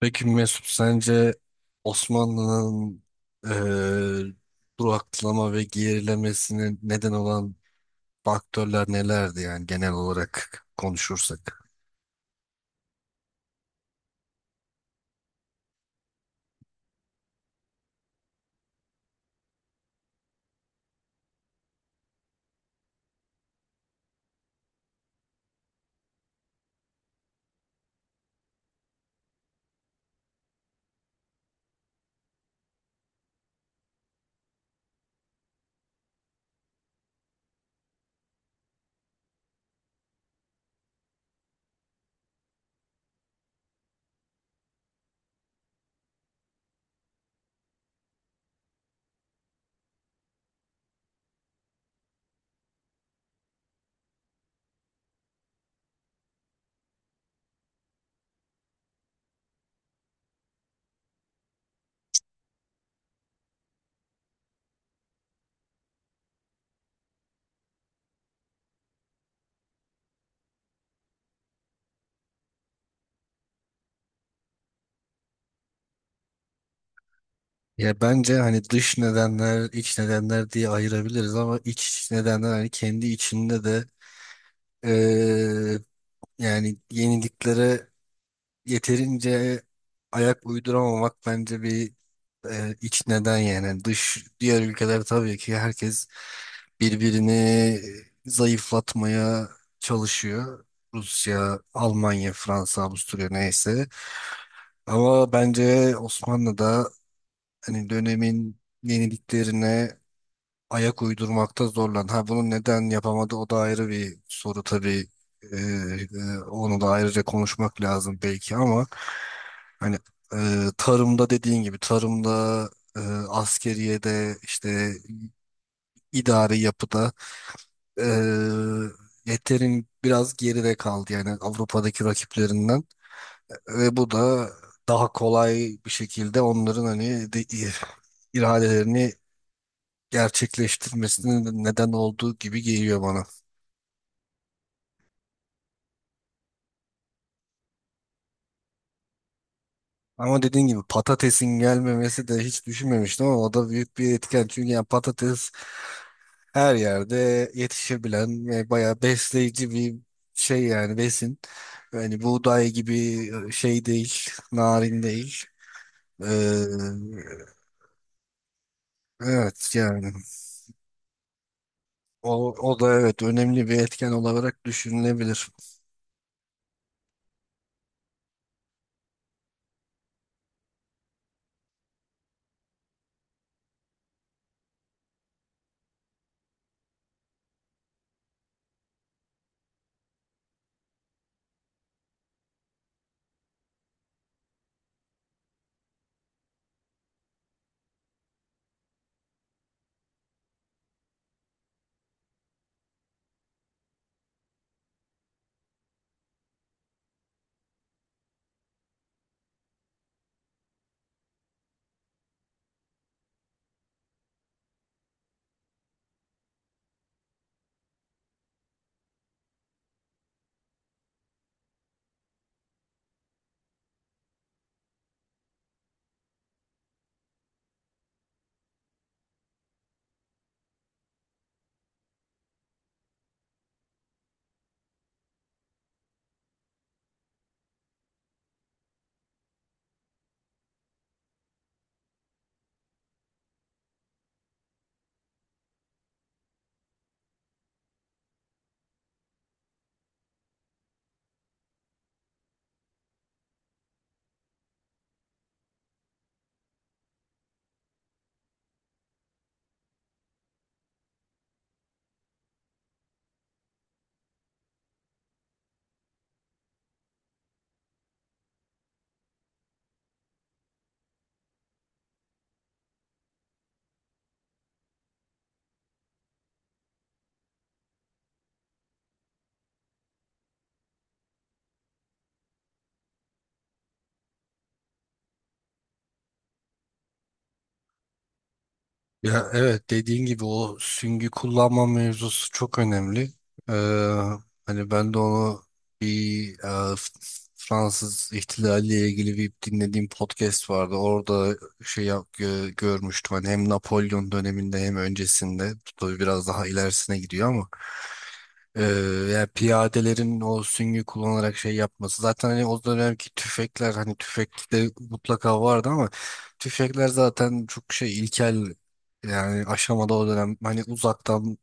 Peki Mesut, sence Osmanlı'nın eee duraklama ve gerilemesine neden olan faktörler nelerdi, yani genel olarak konuşursak? Ya bence hani dış nedenler, iç nedenler diye ayırabiliriz ama iç nedenler hani kendi içinde de eee, yani yeniliklere yeterince ayak uyduramamak bence bir iç neden. Yani dış, diğer ülkeler tabii ki herkes birbirini zayıflatmaya çalışıyor. Rusya, Almanya, Fransa, Avusturya neyse. Ama bence Osmanlı da hani dönemin yeniliklerine ayak uydurmakta zorlandı. Ha bunu neden yapamadı o da ayrı bir soru tabii. Onu da ayrıca konuşmak lazım belki ama hani e, tarımda, dediğin gibi tarımda, e, askeriyede, işte idari yapıda e, yeterin biraz geride kaldı yani Avrupa'daki rakiplerinden, ve bu da daha kolay bir şekilde onların hani iradelerini gerçekleştirmesine neden olduğu gibi geliyor bana. Ama dediğin gibi patatesin gelmemesi de, hiç düşünmemiştim ama o da büyük bir etken. Çünkü yani patates her yerde yetişebilen ve bayağı besleyici bir şey, yani besin. Yani buğday gibi şey değil, narin değil. Ee, evet yani o da evet önemli bir etken olarak düşünülebilir. Ya evet, dediğin gibi o süngü kullanma mevzusu çok önemli. Ee, hani ben de onu bir Fransız ihtilaliyle ilgili bir dinlediğim podcast vardı. Orada görmüştüm. Hani hem Napolyon döneminde hem öncesinde. Tabii biraz daha ilerisine gidiyor ama. Ee, yani piyadelerin o süngü kullanarak şey yapması. Zaten hani o dönemki tüfekler, hani tüfek de mutlaka vardı ama tüfekler zaten çok ilkel yani aşamada o dönem. Hani uzaktan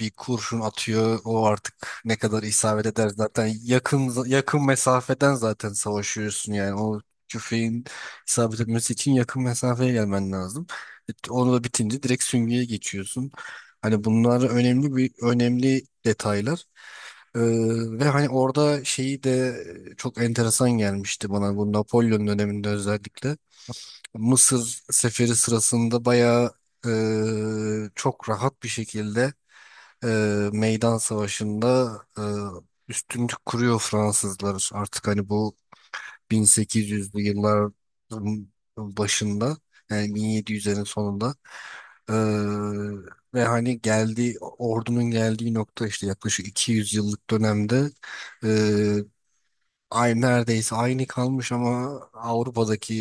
bir kurşun atıyor. O artık ne kadar isabet eder, zaten yakın mesafeden zaten savaşıyorsun yani. O tüfeğin isabet etmesi için yakın mesafeye gelmen lazım. Onu da bitince direkt süngüye geçiyorsun. Hani bunlar önemli detaylar. Ee, ve hani orada şeyi de çok enteresan gelmişti bana, bu Napolyon döneminde özellikle. Mısır seferi sırasında bayağı çok rahat bir şekilde e, meydan savaşında e, üstünlük kuruyor Fransızlar. Artık hani bu 1800'lü yılların başında, yani 1700'lerin sonunda, e, ve hani ordunun geldiği nokta, işte yaklaşık 200 yıllık dönemde e, neredeyse aynı kalmış ama Avrupa'daki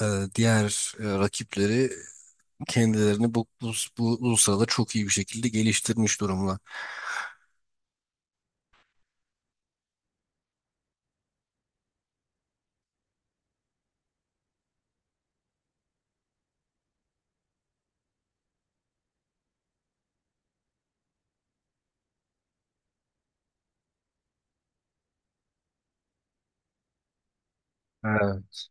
e, diğer rakipleri kendilerini bu sırada çok iyi bir şekilde geliştirmiş durumda. Evet.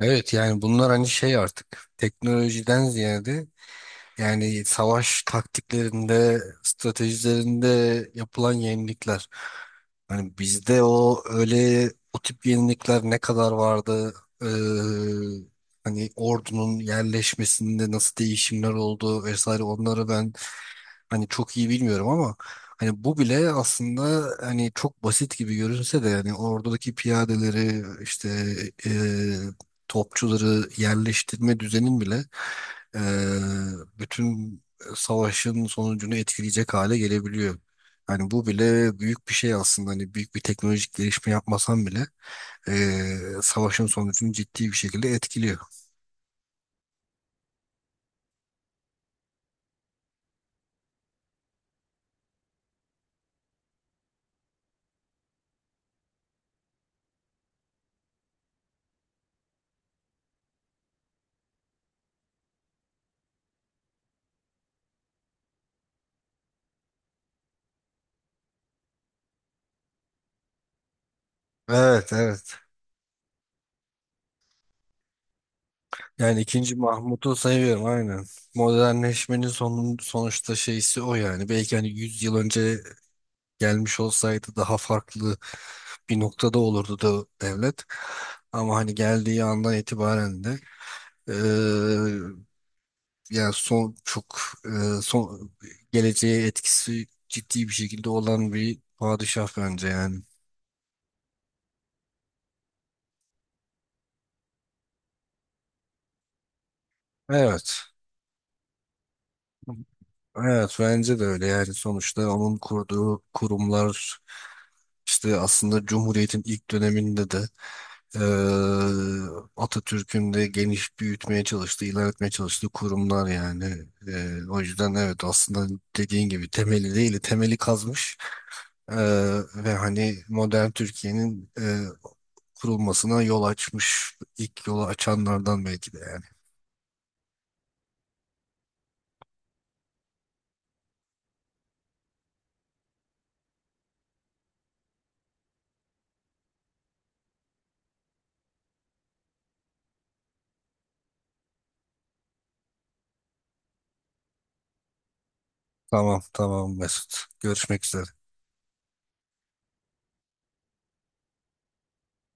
Evet yani bunlar hani artık teknolojiden ziyade yani savaş taktiklerinde, stratejilerinde yapılan yenilikler. Hani bizde o tip yenilikler ne kadar vardı? Ee, hani ordunun yerleşmesinde nasıl değişimler oldu vesaire, onları ben hani çok iyi bilmiyorum ama hani bu bile aslında, hani çok basit gibi görünse de, yani oradaki piyadeleri işte e, topçuları yerleştirme düzenin bile e, bütün savaşın sonucunu etkileyecek hale gelebiliyor. Hani bu bile büyük bir şey aslında, hani büyük bir teknolojik gelişme yapmasan bile e, savaşın sonucunu ciddi bir şekilde etkiliyor. Evet, evet. Yani ikinci Mahmut'u sayıyorum, aynen. Modernleşmenin sonuçta şeysi o yani. Belki hani 100 yıl önce gelmiş olsaydı daha farklı bir noktada olurdu da devlet. Ama hani geldiği andan itibaren de eee, yani son çok son geleceğe etkisi ciddi bir şekilde olan bir padişah bence yani. Evet. Evet bence de öyle, yani sonuçta onun kurduğu kurumlar işte aslında Cumhuriyet'in ilk döneminde de Eee, Atatürk'ün de geniş, büyütmeye çalıştığı, ilerletmeye çalıştığı kurumlar yani. O yüzden evet, aslında dediğin gibi temeli değil, temeli kazmış Eee, ve hani modern Türkiye'nin kurulmasına yol açmış, ilk yolu açanlardan belki de yani. Tamam, tamam Mesut. Görüşmek üzere.